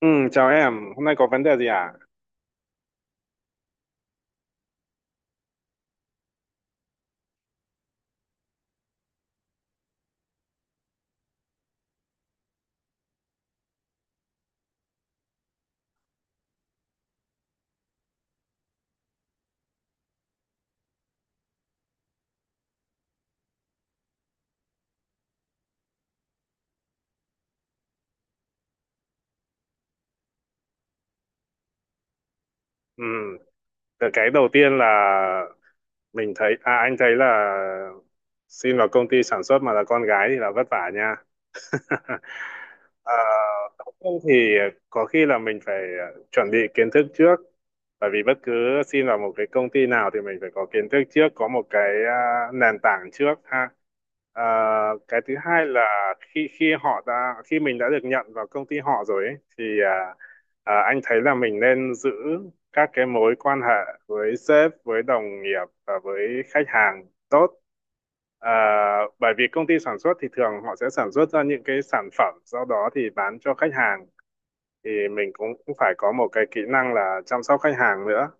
Ừ, chào em, hôm nay có vấn đề gì à? Ừ, cái đầu tiên là mình thấy, à anh thấy là xin vào công ty sản xuất mà là con gái thì là vất vả nha. À, Không thì có khi là mình phải chuẩn bị kiến thức trước, bởi vì bất cứ xin vào một cái công ty nào thì mình phải có kiến thức trước, có một cái nền tảng trước ha. À, cái thứ hai là khi khi họ đã khi mình đã được nhận vào công ty họ rồi ấy, anh thấy là mình nên giữ các cái mối quan hệ với sếp, với đồng nghiệp và với khách hàng tốt. À, Bởi vì công ty sản xuất thì thường họ sẽ sản xuất ra những cái sản phẩm, sau đó thì bán cho khách hàng. Thì mình cũng cũng phải có một cái kỹ năng là chăm sóc khách hàng nữa.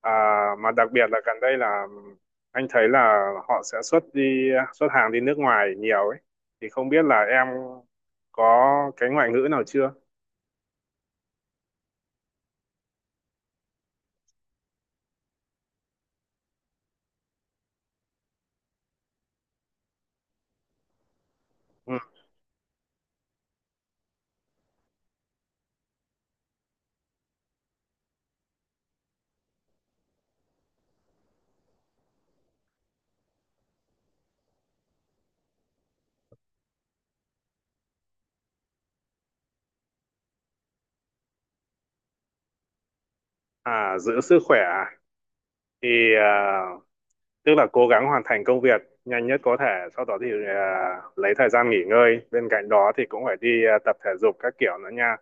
À, mà đặc biệt là gần đây là anh thấy là họ sẽ xuất đi xuất hàng đi nước ngoài nhiều ấy. Thì không biết là em có cái ngoại ngữ nào chưa? Ừ. À, giữ sức khỏe à? thì à, Tức là cố gắng hoàn thành công việc nhanh nhất có thể, sau đó thì lấy thời gian nghỉ ngơi, bên cạnh đó thì cũng phải đi tập thể dục các kiểu nữa nha.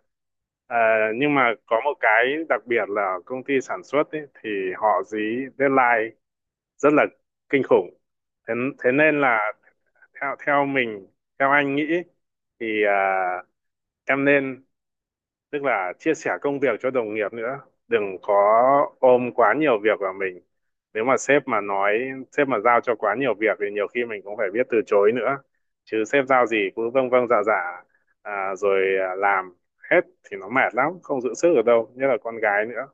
À, nhưng mà có một cái đặc biệt là công ty sản xuất ấy, thì họ dí deadline rất là kinh khủng. Thế, thế nên là theo theo mình theo anh nghĩ thì em nên, tức là chia sẻ công việc cho đồng nghiệp nữa, đừng có ôm quá nhiều việc vào mình. Nếu mà sếp mà nói, sếp mà giao cho quá nhiều việc thì nhiều khi mình cũng phải biết từ chối nữa, chứ sếp giao gì cứ vâng vâng dạ dạ rồi làm hết thì nó mệt lắm, không giữ sức ở đâu, nhất là con gái nữa.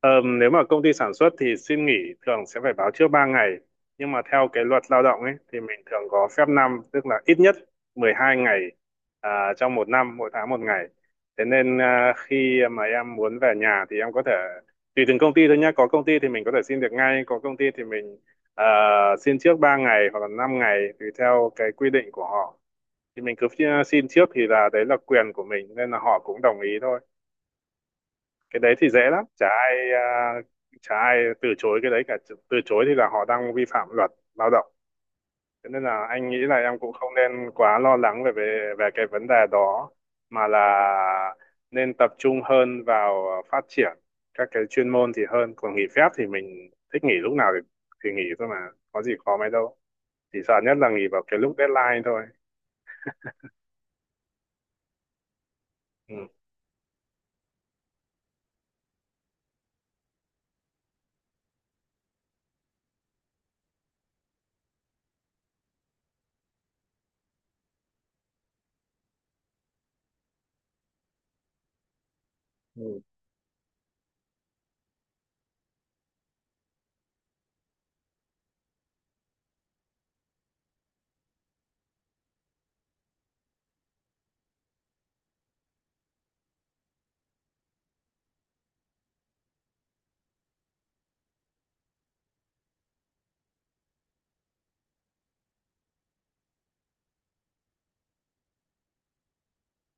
Ờ, Nếu mà công ty sản xuất thì xin nghỉ thường sẽ phải báo trước 3 ngày. Nhưng mà theo cái luật lao động ấy thì mình thường có phép năm, tức là ít nhất 12 ngày à, trong 1 năm, mỗi tháng một ngày. Thế nên khi mà em muốn về nhà thì em có thể, tùy từng công ty thôi nhé. Có công ty thì mình có thể xin được ngay, có công ty thì mình à, xin trước 3 ngày hoặc là 5 ngày tùy theo cái quy định của họ. Thì mình cứ xin trước thì là đấy là quyền của mình nên là họ cũng đồng ý thôi, cái đấy thì dễ lắm. Chả ai từ chối cái đấy cả, từ chối thì là họ đang vi phạm luật lao động. Thế nên là anh nghĩ là em cũng không nên quá lo lắng về về về cái vấn đề đó, mà là nên tập trung hơn vào phát triển các cái chuyên môn thì hơn. Còn nghỉ phép thì mình thích nghỉ lúc nào thì nghỉ thôi mà, có gì khó mấy đâu, chỉ sợ nhất là nghỉ vào cái lúc deadline thôi. Ừ. Ừ.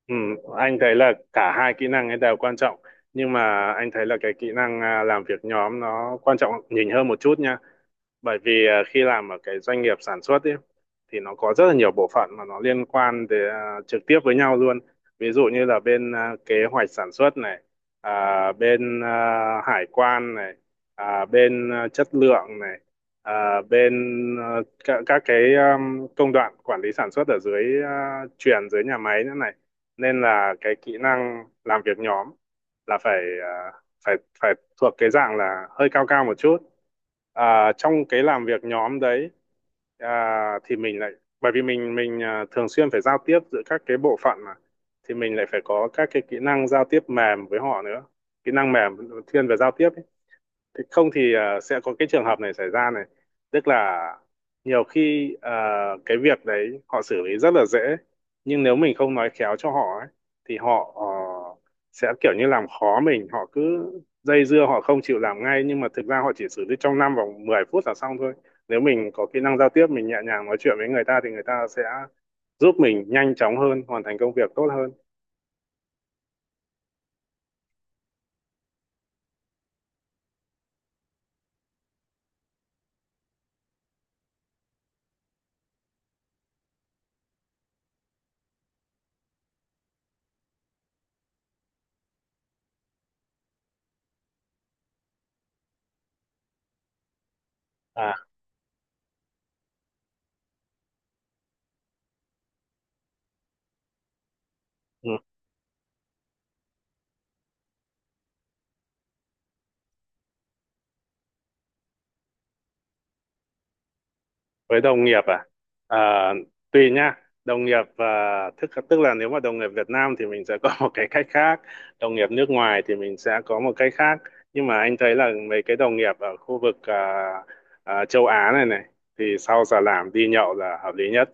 Ừ, anh thấy là cả hai kỹ năng ấy đều quan trọng, nhưng mà anh thấy là cái kỹ năng làm việc nhóm nó quan trọng nhìn hơn một chút nha. Bởi vì khi làm ở cái doanh nghiệp sản xuất ấy, thì nó có rất là nhiều bộ phận mà nó liên quan trực tiếp với nhau luôn. Ví dụ như là bên kế hoạch sản xuất này, bên hải quan này, bên chất lượng này, bên à, các cái công đoạn quản lý sản xuất ở dưới chuyền dưới nhà máy nữa này, nên là cái kỹ năng làm việc nhóm là phải à, phải phải thuộc cái dạng là hơi cao cao một chút trong cái làm việc nhóm đấy, thì mình lại, bởi vì mình thường xuyên phải giao tiếp giữa các cái bộ phận mà, thì mình lại phải có các cái kỹ năng giao tiếp mềm với họ nữa, kỹ năng mềm thiên về giao tiếp ấy. Thế không thì sẽ có cái trường hợp này xảy ra này, tức là nhiều khi cái việc đấy họ xử lý rất là dễ, nhưng nếu mình không nói khéo cho họ ấy, thì họ sẽ kiểu như làm khó mình, họ cứ dây dưa họ không chịu làm ngay, nhưng mà thực ra họ chỉ xử lý trong năm vòng 10 phút là xong thôi. Nếu mình có kỹ năng giao tiếp, mình nhẹ nhàng nói chuyện với người ta thì người ta sẽ giúp mình nhanh chóng hơn, hoàn thành công việc tốt hơn. À. Ừ. Với đồng nghiệp à tùy nha, đồng nghiệp à, thức tức là nếu mà đồng nghiệp Việt Nam thì mình sẽ có một cái cách khác, đồng nghiệp nước ngoài thì mình sẽ có một cách khác. Nhưng mà anh thấy là mấy cái đồng nghiệp ở khu vực châu Á này này, thì sau giờ làm đi nhậu là hợp lý nhất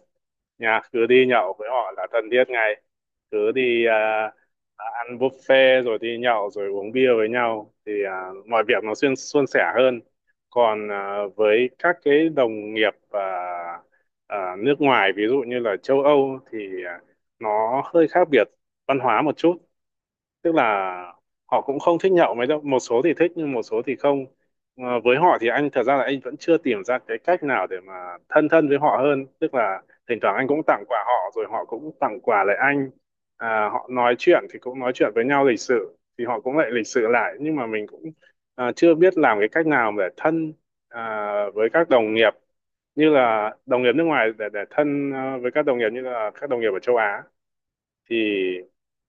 nha, cứ đi nhậu với họ là thân thiết ngay. Cứ đi ăn buffet rồi đi nhậu rồi uống bia với nhau thì mọi việc nó xuyên suôn sẻ hơn. Còn với các cái đồng nghiệp nước ngoài ví dụ như là châu Âu thì à, nó hơi khác biệt văn hóa một chút, tức là họ cũng không thích nhậu mấy đâu, một số thì thích nhưng một số thì không. Với họ thì anh thật ra là anh vẫn chưa tìm ra cái cách nào để mà thân thân với họ hơn, tức là thỉnh thoảng anh cũng tặng quà họ rồi họ cũng tặng quà lại anh họ nói chuyện thì cũng nói chuyện với nhau lịch sự, thì họ cũng lại lịch sự lại, nhưng mà mình cũng chưa biết làm cái cách nào để thân với các đồng nghiệp như là đồng nghiệp nước ngoài, để thân với các đồng nghiệp như là các đồng nghiệp ở châu Á thì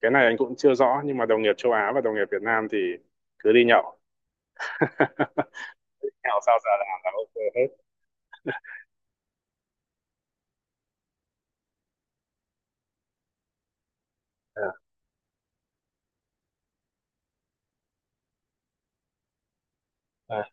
cái này anh cũng chưa rõ. Nhưng mà đồng nghiệp châu Á và đồng nghiệp Việt Nam thì cứ đi nhậu nhậu sao giờ làm là ok hết. à, à,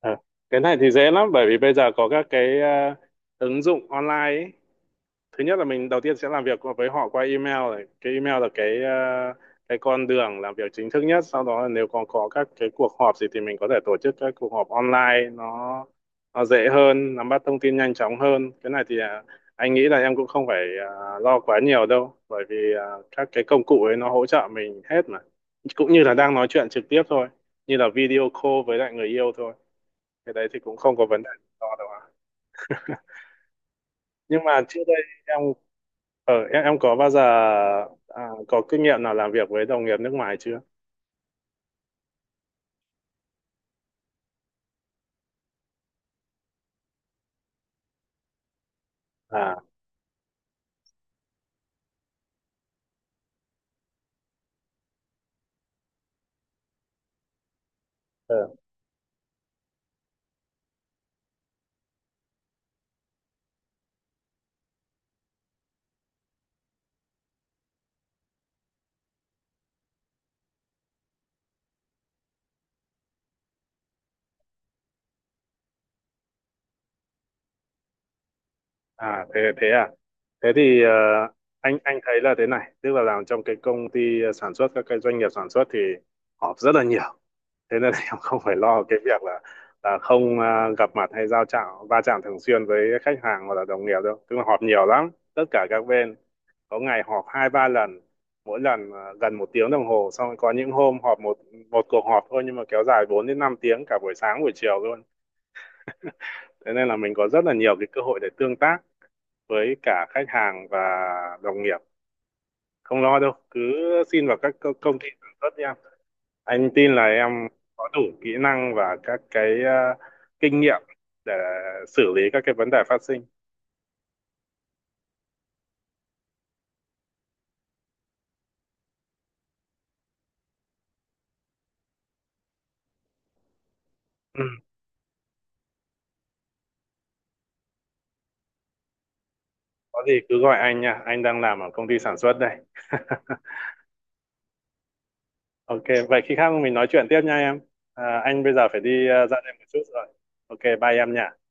à. Cái này thì dễ lắm, bởi vì bây giờ có các cái ứng dụng online ấy. Thứ nhất là mình đầu tiên sẽ làm việc với họ qua email này, cái email là cái con đường làm việc chính thức nhất. Sau đó là nếu còn có các cái cuộc họp gì thì mình có thể tổ chức các cuộc họp online, nó dễ hơn, nắm bắt thông tin nhanh chóng hơn. Cái này thì anh nghĩ là em cũng không phải lo quá nhiều đâu, bởi vì các cái công cụ ấy nó hỗ trợ mình hết mà, cũng như là đang nói chuyện trực tiếp thôi, như là video call với lại người yêu thôi, cái đấy thì cũng không có vấn đề gì to đâu ạ. Nhưng mà trước đây em em có bao giờ có kinh nghiệm nào làm việc với đồng nghiệp nước ngoài chưa? À, ờ, thế thế à? Thế thì anh thấy là thế này, tức là làm trong cái công ty sản xuất, các cái doanh nghiệp sản xuất thì họp rất là nhiều. Thế nên là em không phải lo cái việc là không gặp mặt hay giao chạm va chạm thường xuyên với khách hàng hoặc là đồng nghiệp đâu, tức là họp nhiều lắm, tất cả các bên có ngày họp 2-3 lần, mỗi lần gần 1 tiếng đồng hồ. Xong có những hôm họp một một cuộc họp thôi nhưng mà kéo dài 4 đến 5 tiếng, cả buổi sáng buổi chiều luôn. Thế nên là mình có rất là nhiều cái cơ hội để tương tác với cả khách hàng và đồng nghiệp, không lo đâu. Cứ xin vào các công ty sản xuất đi em, anh tin là em có đủ kỹ năng và các cái kinh nghiệm để xử lý các cái vấn đề phát sinh. Ừ. Có gì cứ gọi anh nha, anh đang làm ở công ty sản xuất đây. Ok, vậy khi khác mình nói chuyện tiếp nha em. À, anh bây giờ phải đi ra đây một chút rồi. Ok, bye em nha.